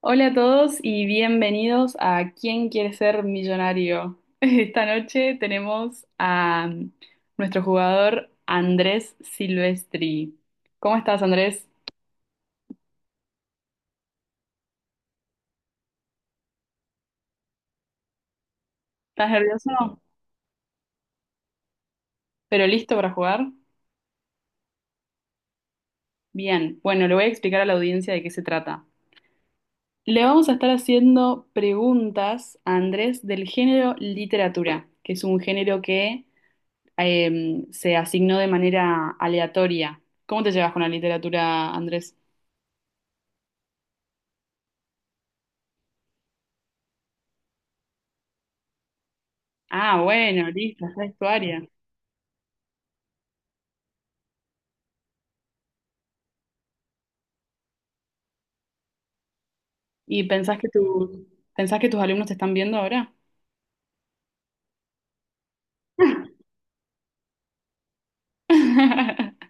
Hola a todos y bienvenidos a ¿Quién quiere ser millonario? Esta noche tenemos a nuestro jugador Andrés Silvestri. ¿Cómo estás, Andrés? ¿Estás nervioso? ¿Pero listo para jugar? Bien, bueno, le voy a explicar a la audiencia de qué se trata. Le vamos a estar haciendo preguntas a Andrés del género literatura, que es un género que se asignó de manera aleatoria. ¿Cómo te llevas con la literatura, Andrés? Ah, bueno, listo, esa es tu área. ¿Y pensás que pensás que tus alumnos te están viendo ahora?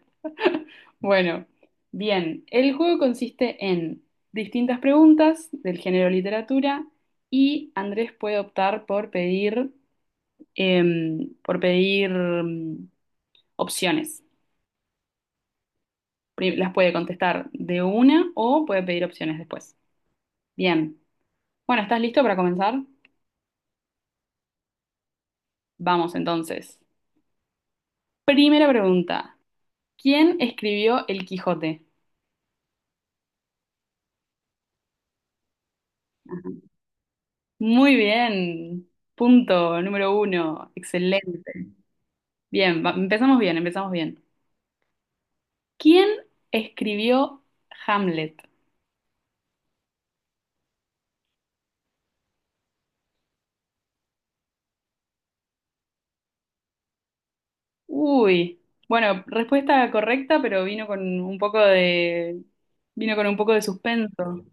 Bueno, bien. El juego consiste en distintas preguntas del género literatura y Andrés puede optar por pedir opciones. Las puede contestar de una o puede pedir opciones después. Bien. Bueno, ¿estás listo para comenzar? Vamos entonces. Primera pregunta. ¿Quién escribió El Quijote? Muy bien. Punto número uno. Excelente. Bien, empezamos bien, empezamos bien. ¿Quién escribió Hamlet? Uy. Bueno, respuesta correcta, pero vino con un poco de suspenso.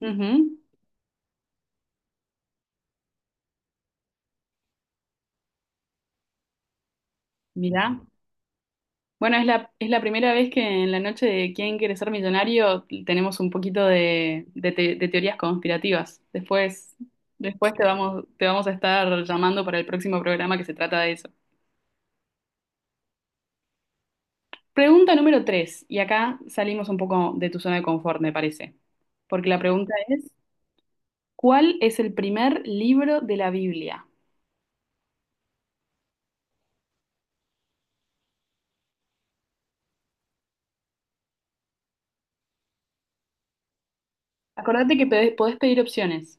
Ujú. Mirá. Bueno, es la primera vez que en la noche de ¿Quién quiere ser millonario? Tenemos un poquito de teorías conspirativas. Después, te vamos a estar llamando para el próximo programa que se trata de eso. Pregunta número tres, y acá salimos un poco de tu zona de confort, me parece. Porque la pregunta es, ¿cuál es el primer libro de la Biblia? Acordate que podés pedir opciones.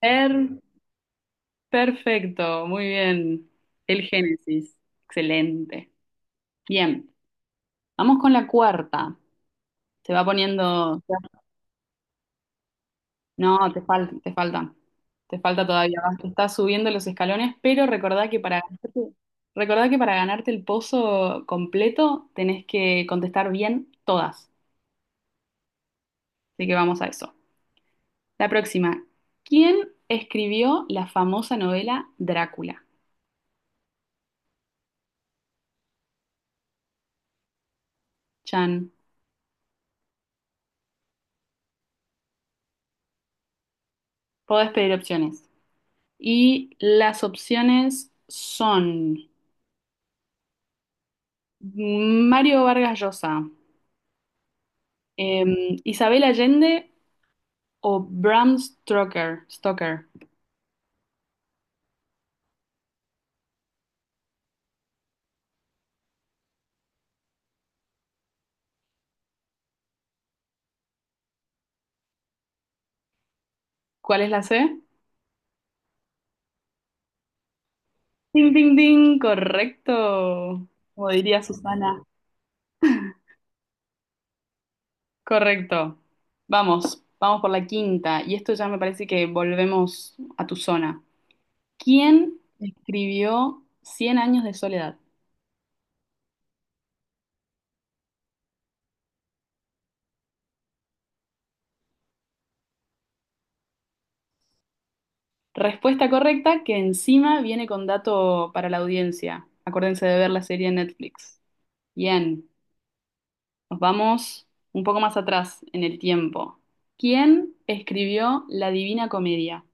Per- perfecto, muy bien. El Génesis, excelente. Bien. Vamos con la cuarta. Se va poniendo. No, te falta, te falta. Te falta todavía. Estás subiendo los escalones, pero recordá que para ganarte el pozo completo tenés que contestar bien todas. Así que vamos a eso. La próxima. ¿Quién escribió la famosa novela Drácula? Chan. Podés pedir opciones. Y las opciones son Mario Vargas Llosa, Isabel Allende o Bram Stoker. Stoker. ¿Cuál es la C? Ding, ding, ding, correcto. Como diría Susana. Correcto. Vamos, vamos por la quinta. Y esto ya me parece que volvemos a tu zona. ¿Quién escribió Cien años de soledad? Respuesta correcta que encima viene con dato para la audiencia. Acuérdense de ver la serie en Netflix. Bien. Nos vamos un poco más atrás en el tiempo. ¿Quién escribió La Divina Comedia?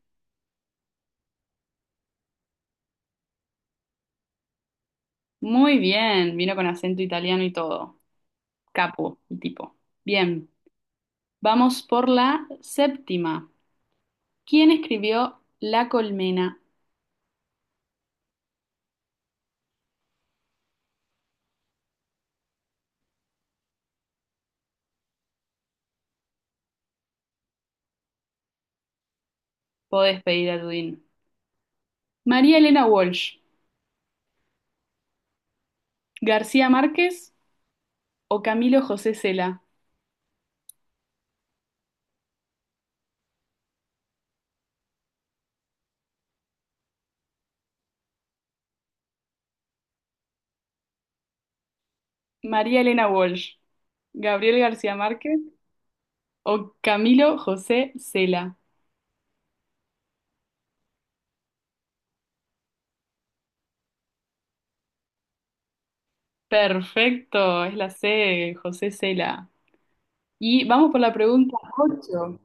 Muy bien, vino con acento italiano y todo. Capo, el tipo. Bien, vamos por la séptima. ¿Quién escribió La Colmena? Podés pedir a Dudín. María Elena Walsh, García Márquez o Camilo José Cela. María Elena Walsh, Gabriel García Márquez o Camilo José Cela. Perfecto, es la C, José Cela. Y vamos por la pregunta 8.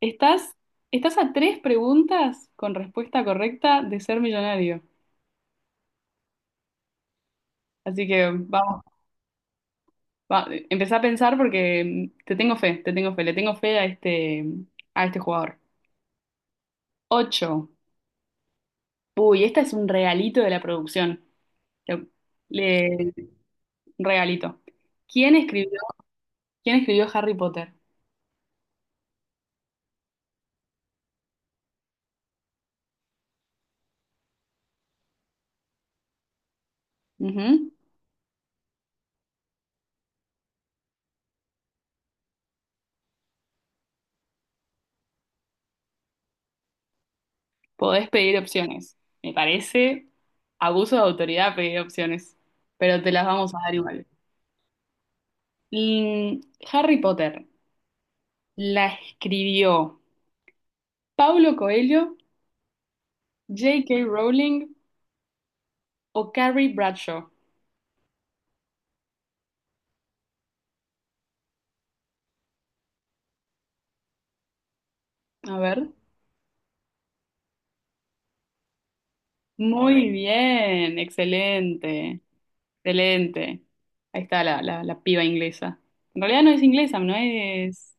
¿Estás, estás a tres preguntas con respuesta correcta de ser millonario? Así que vamos, empezá a pensar porque te tengo fe, le tengo fe a este jugador. Ocho. Uy, esta es un regalito de la producción. Le, le- un regalito. ¿Quién escribió Harry Potter? Ujú. Podés pedir opciones. Me parece abuso de autoridad pedir opciones, pero te las vamos a dar igual. Mm, Harry Potter, ¿la escribió Paulo Coelho, J.K. Rowling o Carrie Bradshaw? A ver. Muy bien, excelente, excelente. Ahí está la piba inglesa. En realidad no es inglesa, no es,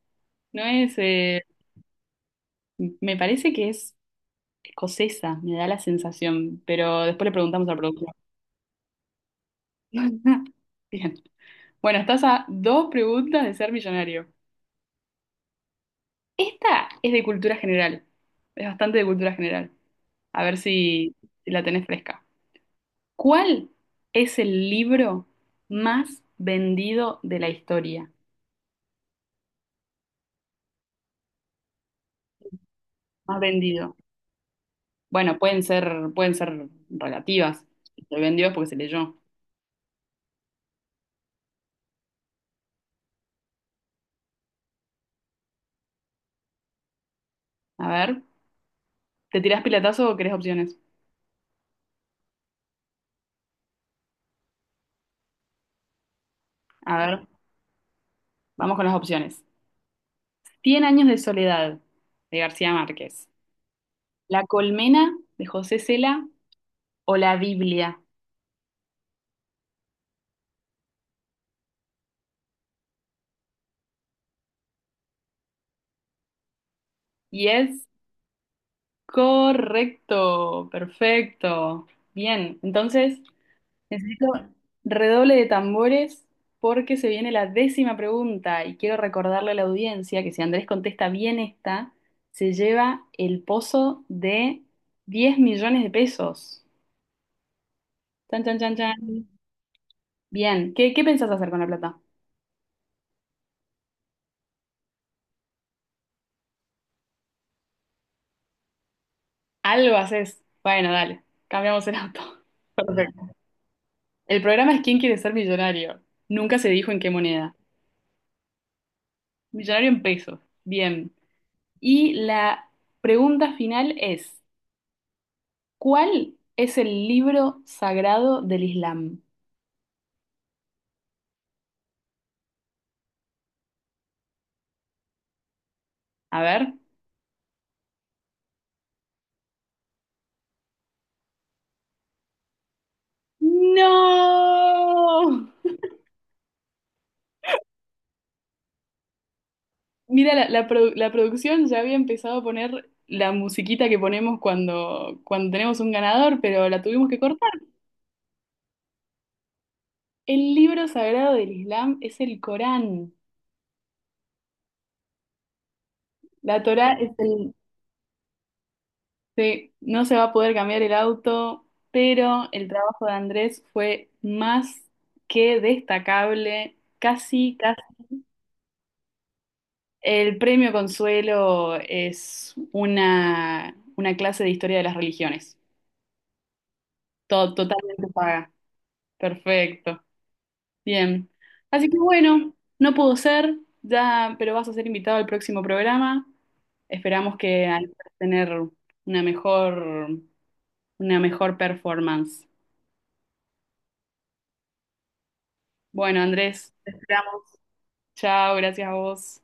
no es, me parece que es escocesa, me da la sensación, pero después le preguntamos al productor. Bien. Bueno, estás a dos preguntas de ser millonario. Esta es de cultura general. Es bastante de cultura general. A ver si la tenés fresca. ¿Cuál es el libro más vendido de la historia? Más vendido. Bueno, pueden ser relativas. Si se vendió es porque se leyó. A ver, ¿te tirás pilatazo o querés opciones? A ver, vamos con las opciones. Cien años de soledad, de García Márquez. La colmena, de José Cela, o la Biblia. Y es correcto, perfecto. Bien, entonces necesito redoble de tambores porque se viene la décima pregunta y quiero recordarle a la audiencia que si Andrés contesta bien esta, se lleva el pozo de 10 millones de pesos. Chan, chan, chan, chan. Bien, ¿qué pensás hacer con la plata? Algo haces. Bueno, dale, cambiamos el auto. Perfecto. El programa es ¿Quién quiere ser millonario? Nunca se dijo en qué moneda. Millonario en pesos. Bien. Y la pregunta final es, ¿cuál es el libro sagrado del Islam? A ver. ¡No! Mira, la producción ya había empezado a poner la musiquita que ponemos cuando tenemos un ganador, pero la tuvimos que cortar. El libro sagrado del Islam es el Corán. La Torá es el. Sí, no se va a poder cambiar el auto, pero el trabajo de Andrés fue más que destacable, casi, casi. El premio Consuelo es una clase de historia de las religiones, todo totalmente paga. Perfecto, bien. Así que bueno, no pudo ser, ya, pero vas a ser invitado al próximo programa. Esperamos que al tener una mejor, una mejor performance. Bueno, Andrés, te esperamos. Chao, gracias a vos.